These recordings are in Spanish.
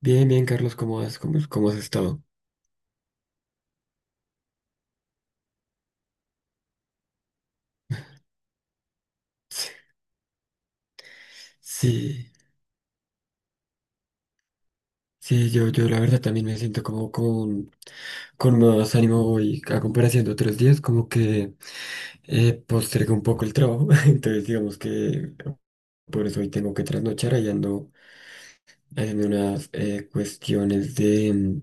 Bien, bien, Carlos, ¿cómo has, cómo has estado? Sí, sí, yo la verdad también me siento como con más ánimo hoy a comparación de otros días, como que postergué un poco el trabajo. Entonces digamos que por eso hoy tengo que trasnochar, ahí ando haciendo unas cuestiones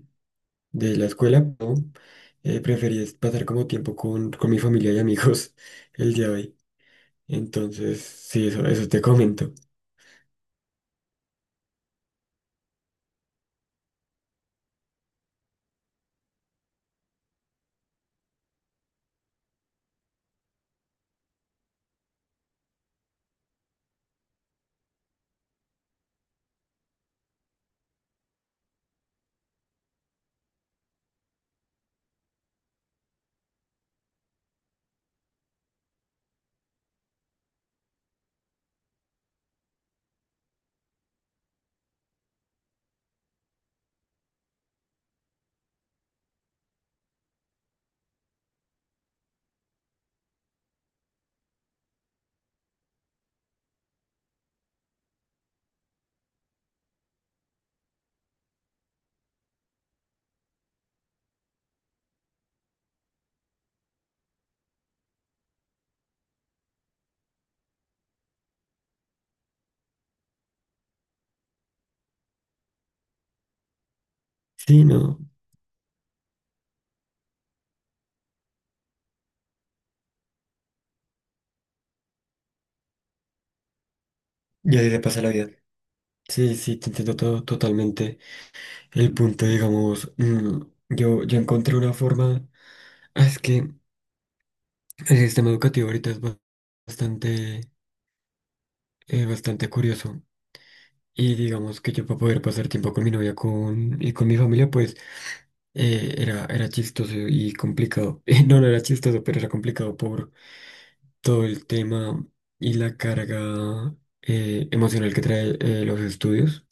de la escuela, ¿no? Preferí es pasar como tiempo con mi familia y amigos el día de hoy, entonces sí, eso te comento. Sí, no. Y así se pasa la vida. Sí, sí, te entiendo todo, totalmente. El punto, digamos, yo encontré una forma. Ah, es que el sistema educativo ahorita es bastante, bastante curioso. Y digamos que yo para poder pasar tiempo con mi novia con mi familia, pues era chistoso y complicado. No, no era chistoso, pero era complicado por todo el tema y la carga emocional que trae los estudios,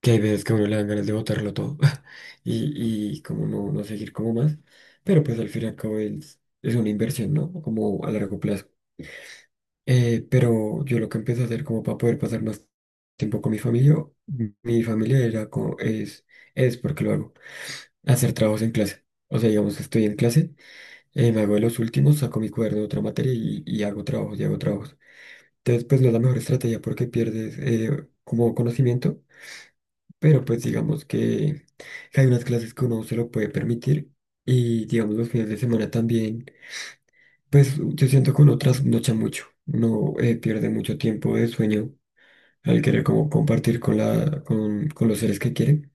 que hay veces que a uno le dan ganas de botarlo todo y como no, no seguir como más, pero pues al fin y al cabo es una inversión, ¿no? Como a largo plazo. Pero yo lo que empecé a hacer como para poder pasar más tiempo con mi familia era como, es porque lo hago, hacer trabajos en clase. O sea, digamos que estoy en clase, me hago de los últimos, saco mi cuaderno de otra materia y hago trabajos, y hago trabajos. Entonces, pues no es la mejor estrategia porque pierdes como conocimiento, pero pues digamos que hay unas clases que uno se lo puede permitir, y digamos los fines de semana también, pues yo siento que uno trasnocha mucho, uno pierde mucho tiempo de sueño al querer como compartir con los seres que quieren,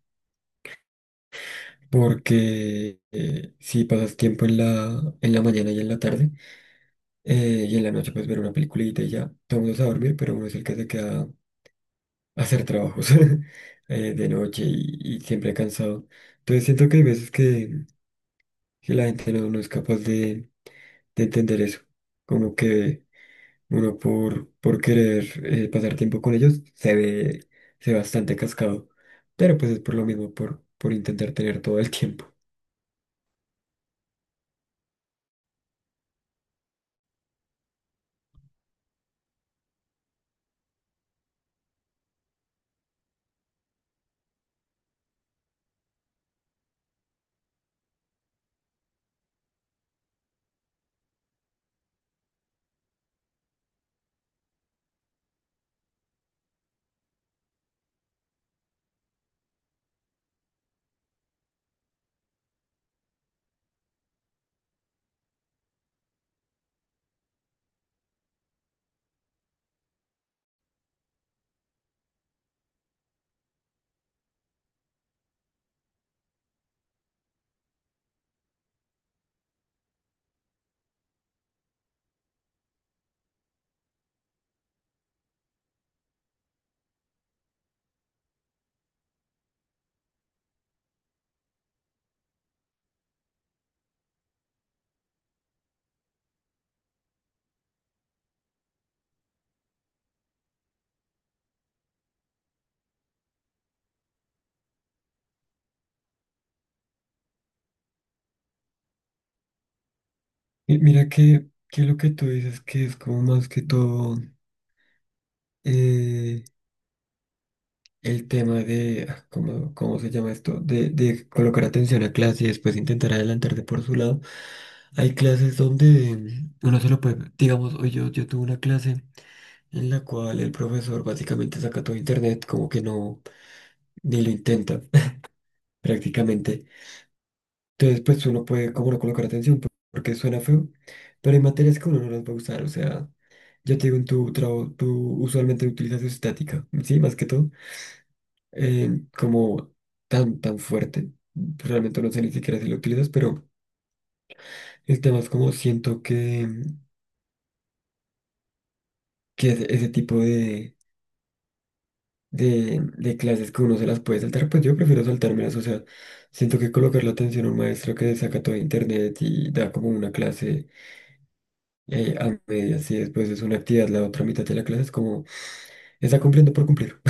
porque si pasas tiempo en en la mañana y en la tarde y en la noche, pues ver una peliculita y ya, todo el mundo se va a dormir, pero uno es el que se queda hacer trabajos de noche y siempre cansado. Entonces siento que hay veces que la gente no, no es capaz de entender eso. Como que uno por querer pasar tiempo con ellos se ve bastante cascado. Pero pues es por lo mismo, por intentar tener todo el tiempo. Y mira que lo que tú dices que es como más que todo eh, el tema de, ah, ¿cómo, cómo se llama esto? De colocar atención a clase y después intentar adelantarte por su lado. Hay clases donde uno se lo puede, digamos, hoy yo tuve una clase en la cual el profesor básicamente saca todo internet, como que no, ni lo intenta prácticamente. Entonces, pues uno puede como no colocar atención porque suena feo, pero hay materias que uno no las va a usar. O sea, yo te digo, en tu trabajo, tú usualmente utilizas estática, ¿sí? Más que todo. Como tan, tan fuerte. Realmente no sé ni siquiera si lo utilizas, pero el tema es como siento que ese tipo de, de clases que uno se las puede saltar, pues yo prefiero saltármelas. O sea, siento que colocar la atención a un maestro que saca todo de internet y da como una clase a medias y después es una actividad, la otra mitad de la clase es como está cumpliendo por cumplir.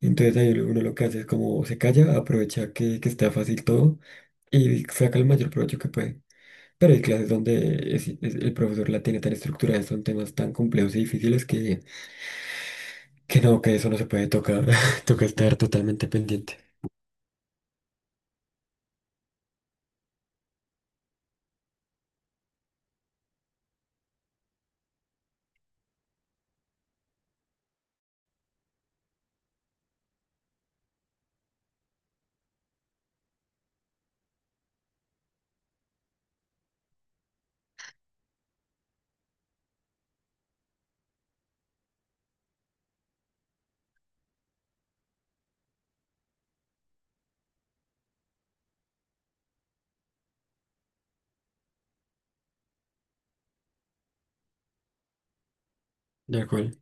Entonces ahí uno lo que hace es como se calla, aprovecha que está fácil todo y saca el mayor provecho que puede. Pero hay clases donde el profesor la tiene tan estructurada, son temas tan complejos y difíciles que no, que eso no se puede tocar, toca estar totalmente pendiente. De acuerdo.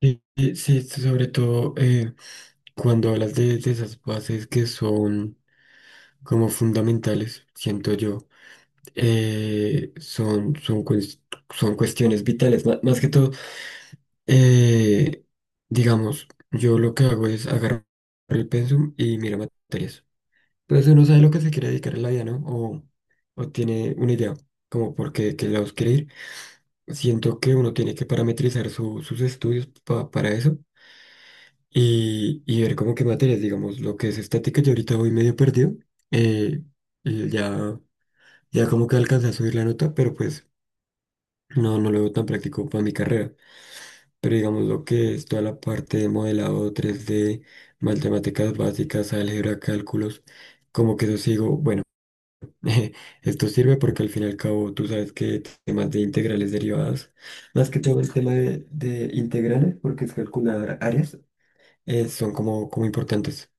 Y sí, sobre todo cuando hablas de esas bases que son como fundamentales, siento yo, son, son, son cuestiones vitales. Más que todo, eh, digamos, yo lo que hago es agarrar el pensum y miro materias. Entonces uno sabe lo que se quiere dedicar en la vida, ¿no? O tiene una idea, como por qué, qué lados quiere ir. Siento que uno tiene que parametrizar sus estudios para eso y ver como qué materias, digamos, lo que es estática, yo ahorita voy medio perdido. eh, y ya, ya como que alcancé a subir la nota, pero pues no, no lo veo tan práctico para mi carrera. Pero digamos lo que es toda la parte de modelado 3D, matemáticas básicas, álgebra, cálculos, como que eso sigo, bueno. Esto sirve porque al fin y al cabo tú sabes que temas de integrales derivadas, más que todo el tema de integrales, porque es calcular áreas, son como, como importantes,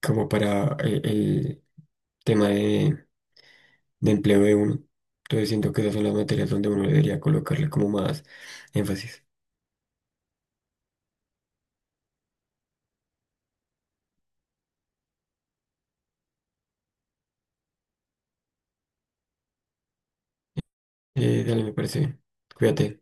como para el tema de empleo de uno. Entonces siento que esas son las materias donde uno debería colocarle como más énfasis. Dale, me parece bien. Cuídate.